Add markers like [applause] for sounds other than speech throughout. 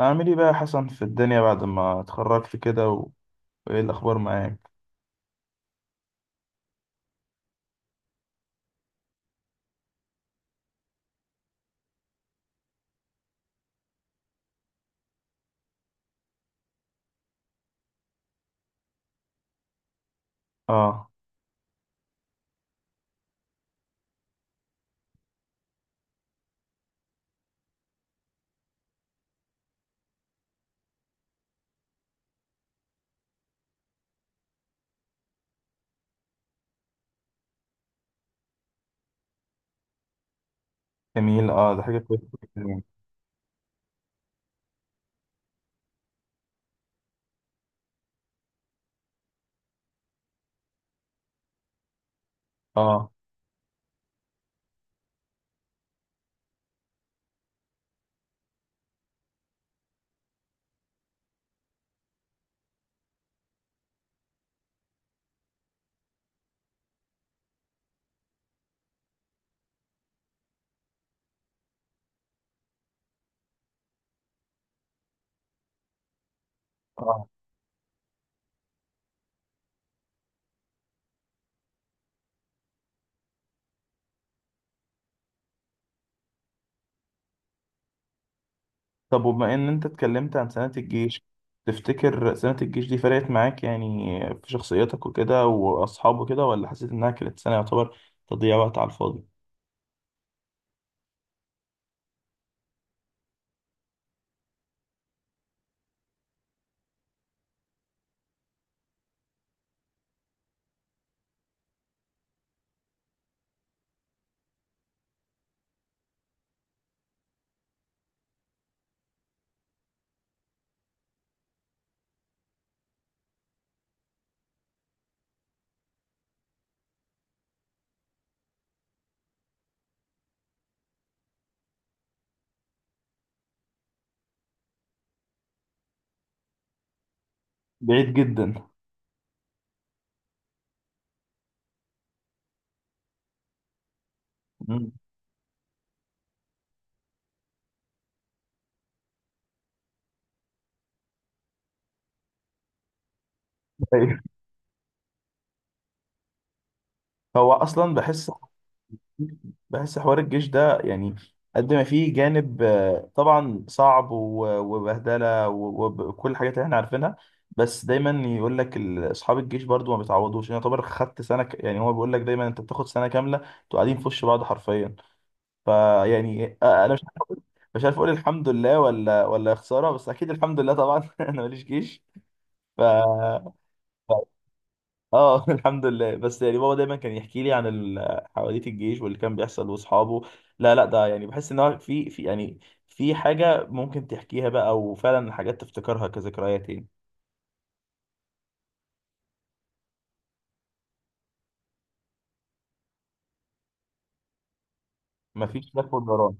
أعمل إيه بقى يا حسن في الدنيا بعد ما اتخرجت كده وإيه الأخبار معاك؟ آه. جميل، ده حاجة كويسة جداً. آه، آه، طب وبما إن أنت اتكلمت عن سنة الجيش، تفتكر سنة الجيش دي فرقت معاك يعني في شخصيتك وكده وأصحابه كده، ولا حسيت إنها كانت سنة يعتبر تضييع وقت على الفاضي؟ بعيد جدا. مم. [laughs] أيوه. هو أصلا بحس حوار الجيش ده يعني قد ما فيه جانب، طبعا صعب، وبهدله، وكل الحاجات اللي احنا عارفينها. بس دايما يقول لك اصحاب الجيش برضو ما بيتعوضوش، يعني يعتبر خدت سنه يعني هو بيقول لك دايما انت بتاخد سنه كامله، انتوا قاعدين في وش بعض حرفيا. فيعني، انا مش عارف مش عارف اقول الحمد لله ولا يا خساره، بس اكيد الحمد لله طبعا. [laughs] انا ماليش جيش ف اه. [laughs] الحمد لله، بس يعني بابا دايما كان يحكي لي عن حواديت الجيش واللي كان بيحصل واصحابه. لا، لا، ده يعني بحس ان هو في يعني في حاجه ممكن تحكيها بقى، وفعلا حاجات تفتكرها كذكريات يعني. مفيش لف ودوران،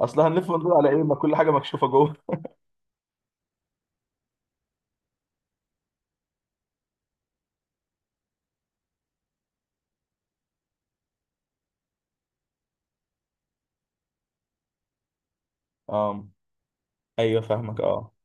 اصلا هنلف وندور على ايه؟ ما كل حاجه مكشوفه جوه. [laughs] اه. ايوه، فاهمك. اه.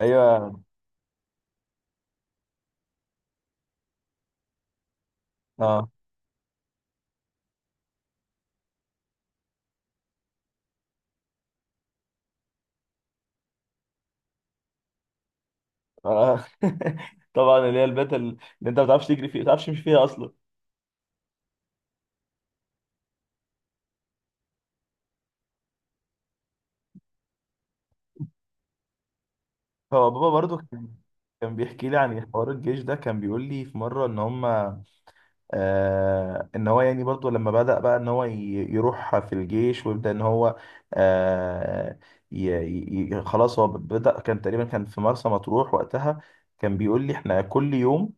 ايوه. اه. آه. [laughs] طبعا اللي هي البيت اللي انت ما بتعرفش تجري فيه، ما بتعرفش تمشي فيها اصلا. هو بابا برضو كان بيحكي لي عن حوار الجيش ده، كان بيقول لي في مره ان هم، ان هو يعني برضو لما بدأ بقى ان هو يروح في الجيش ويبدأ ان هو، آه خلاص هو بدأ، كان تقريبا كان في مرسى مطروح وقتها. كان بيقول لي احنا كل يوم،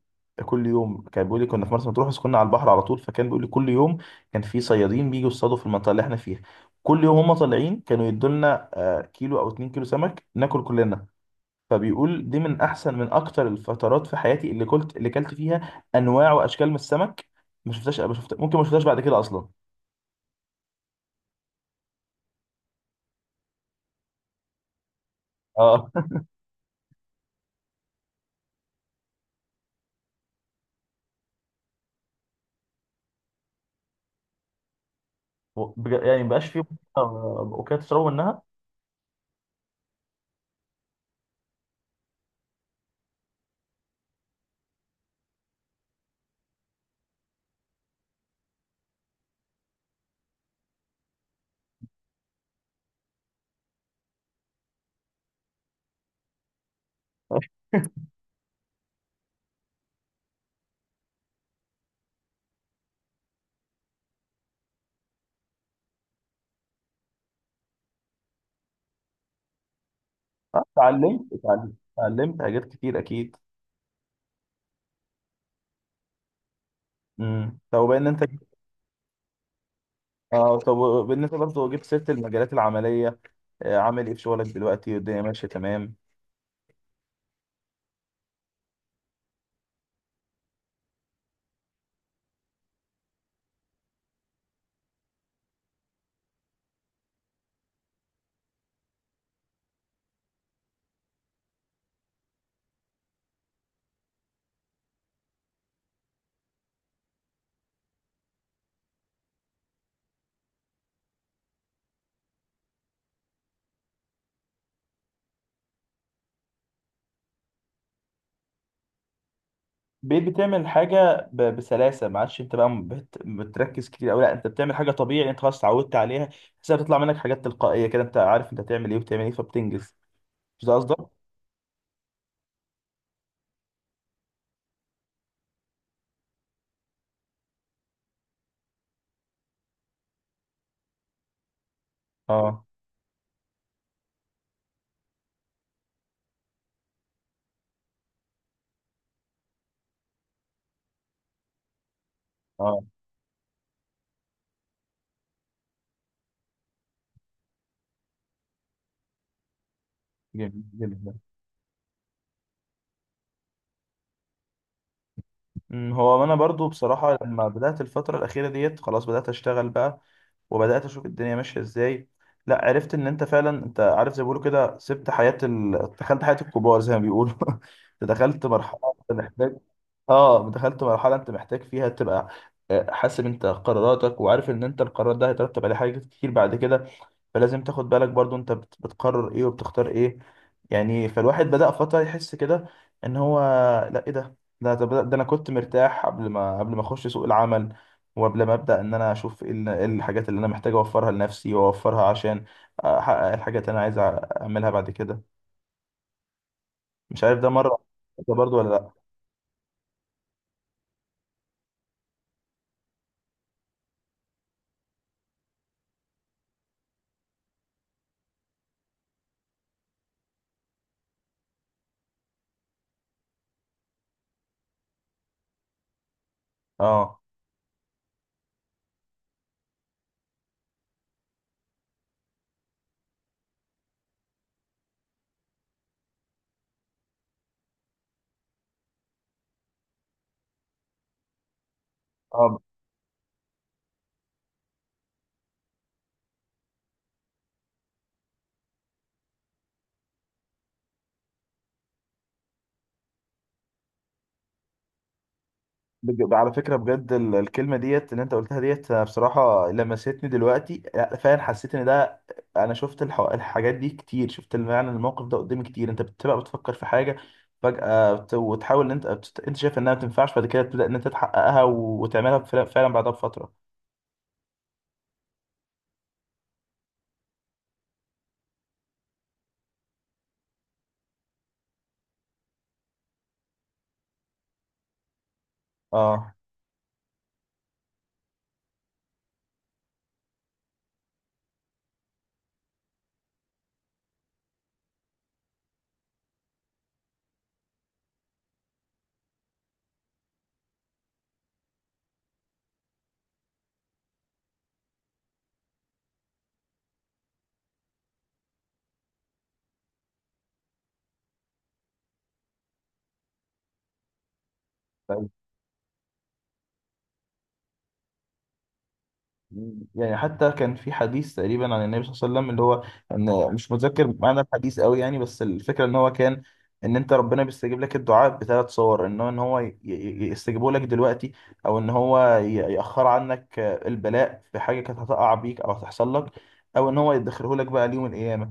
كل يوم كان بيقول لي كنا في مرسى مطروح، بس كنا على البحر على طول، فكان بيقول لي كل يوم كان في صيادين بيجوا يصطادوا في المنطقة اللي احنا فيها، كل يوم هم طالعين كانوا يدولنا كيلو او اتنين كيلو سمك ناكل كلنا. فبيقول دي من احسن، من اكتر الفترات في حياتي اللي كلت فيها انواع واشكال من السمك ما شفتهاش، ما شفت، ممكن ما شفتهاش بعد كده اصلا. اه. [laughs] يعني ما بقاش في اوكيات تشربوا منها. آه، اتعلمت، حاجات كتير اكيد. طب بما ان انت، اه طب بالنسبه برضه جبت سيره المجالات العمليه، عامل ايه في شغلك دلوقتي والدنيا ماشيه تمام؟ بقيت بتعمل حاجة بسلاسة، ما عادش انت بقى بتركز كتير أوي. لا انت بتعمل حاجة طبيعي، انت خلاص اتعودت عليها، بس بتطلع منك حاجات تلقائية كده. انت عارف انت هتعمل ايه وبتعمل ايه فبتنجز. مش ده قصدك؟ اه. اه، جميل، جميل ده. هو انا برضو بصراحة لما بدأت الفترة الأخيرة ديت، خلاص بدأت اشتغل بقى، وبدأت اشوف الدنيا ماشية ازاي. لا، عرفت ان انت فعلا، انت عارف زي ما بيقولوا كده سبت حياة دخلت حياة الكبار زي ما بيقولوا. [laughs] أنت دخلت مرحلة. اه، دخلت مرحله انت محتاج فيها تبقى، حاسب انت قراراتك، وعارف ان انت القرار ده هيترتب عليه حاجات كتير بعد كده، فلازم تاخد بالك برضو انت بتقرر ايه وبتختار ايه، يعني. فالواحد بدأ فتره يحس كده ان هو، لا ايه ده، ده طب ده انا كنت مرتاح قبل ما اخش سوق العمل، وقبل ما ابدا ان انا اشوف ايه إيه الحاجات اللي انا محتاج اوفرها لنفسي واوفرها عشان احقق الحاجات اللي انا عايز اعملها بعد كده. مش عارف، ده مره، ده برضو ولا لا. اه. اه، على فكرة بجد الكلمة ديت اللي انت قلتها ديت، أنا بصراحة لمستني دلوقتي، لا، فعلا حسيت ان ده، انا شفت الحاجات دي كتير، شفت يعني الموقف ده قدامي كتير. انت بتبقى بتفكر في حاجة فجأة، وتحاول ان انت، انت شايف انها ما بتنفعش، بعد كده تبدأ ان انت تحققها وتعملها فعلا، فعلا بعدها بفترة. اه، يعني حتى كان في حديث تقريبا عن النبي صلى الله عليه وسلم اللي هو، ان مش متذكر معنى الحديث قوي يعني، بس الفكره ان هو كان، ان انت ربنا بيستجيب لك الدعاء بثلاث صور، ان هو يستجيبه لك دلوقتي، او ان هو ياخر عنك البلاء في حاجه كانت هتقع بيك او هتحصل لك، او ان هو يدخره لك بقى ليوم القيامه.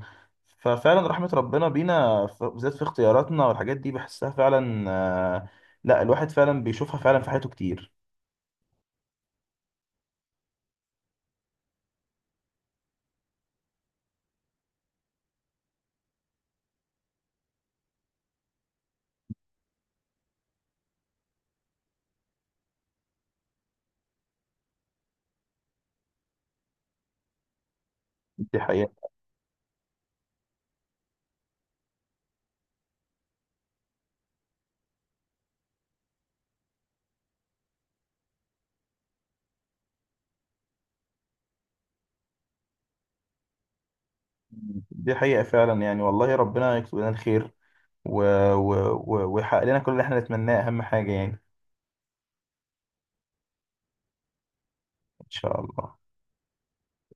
ففعلا رحمه ربنا بينا، بالذات في اختياراتنا والحاجات دي بحسها فعلا. آه، لا الواحد فعلا بيشوفها فعلا في حياته كتير. دي حقيقه. دي حقيقة فعلا، يعني والله ربنا يكتب لنا الخير و... و... ويحقق لنا كل اللي احنا نتمناه، أهم حاجة يعني. إن شاء الله.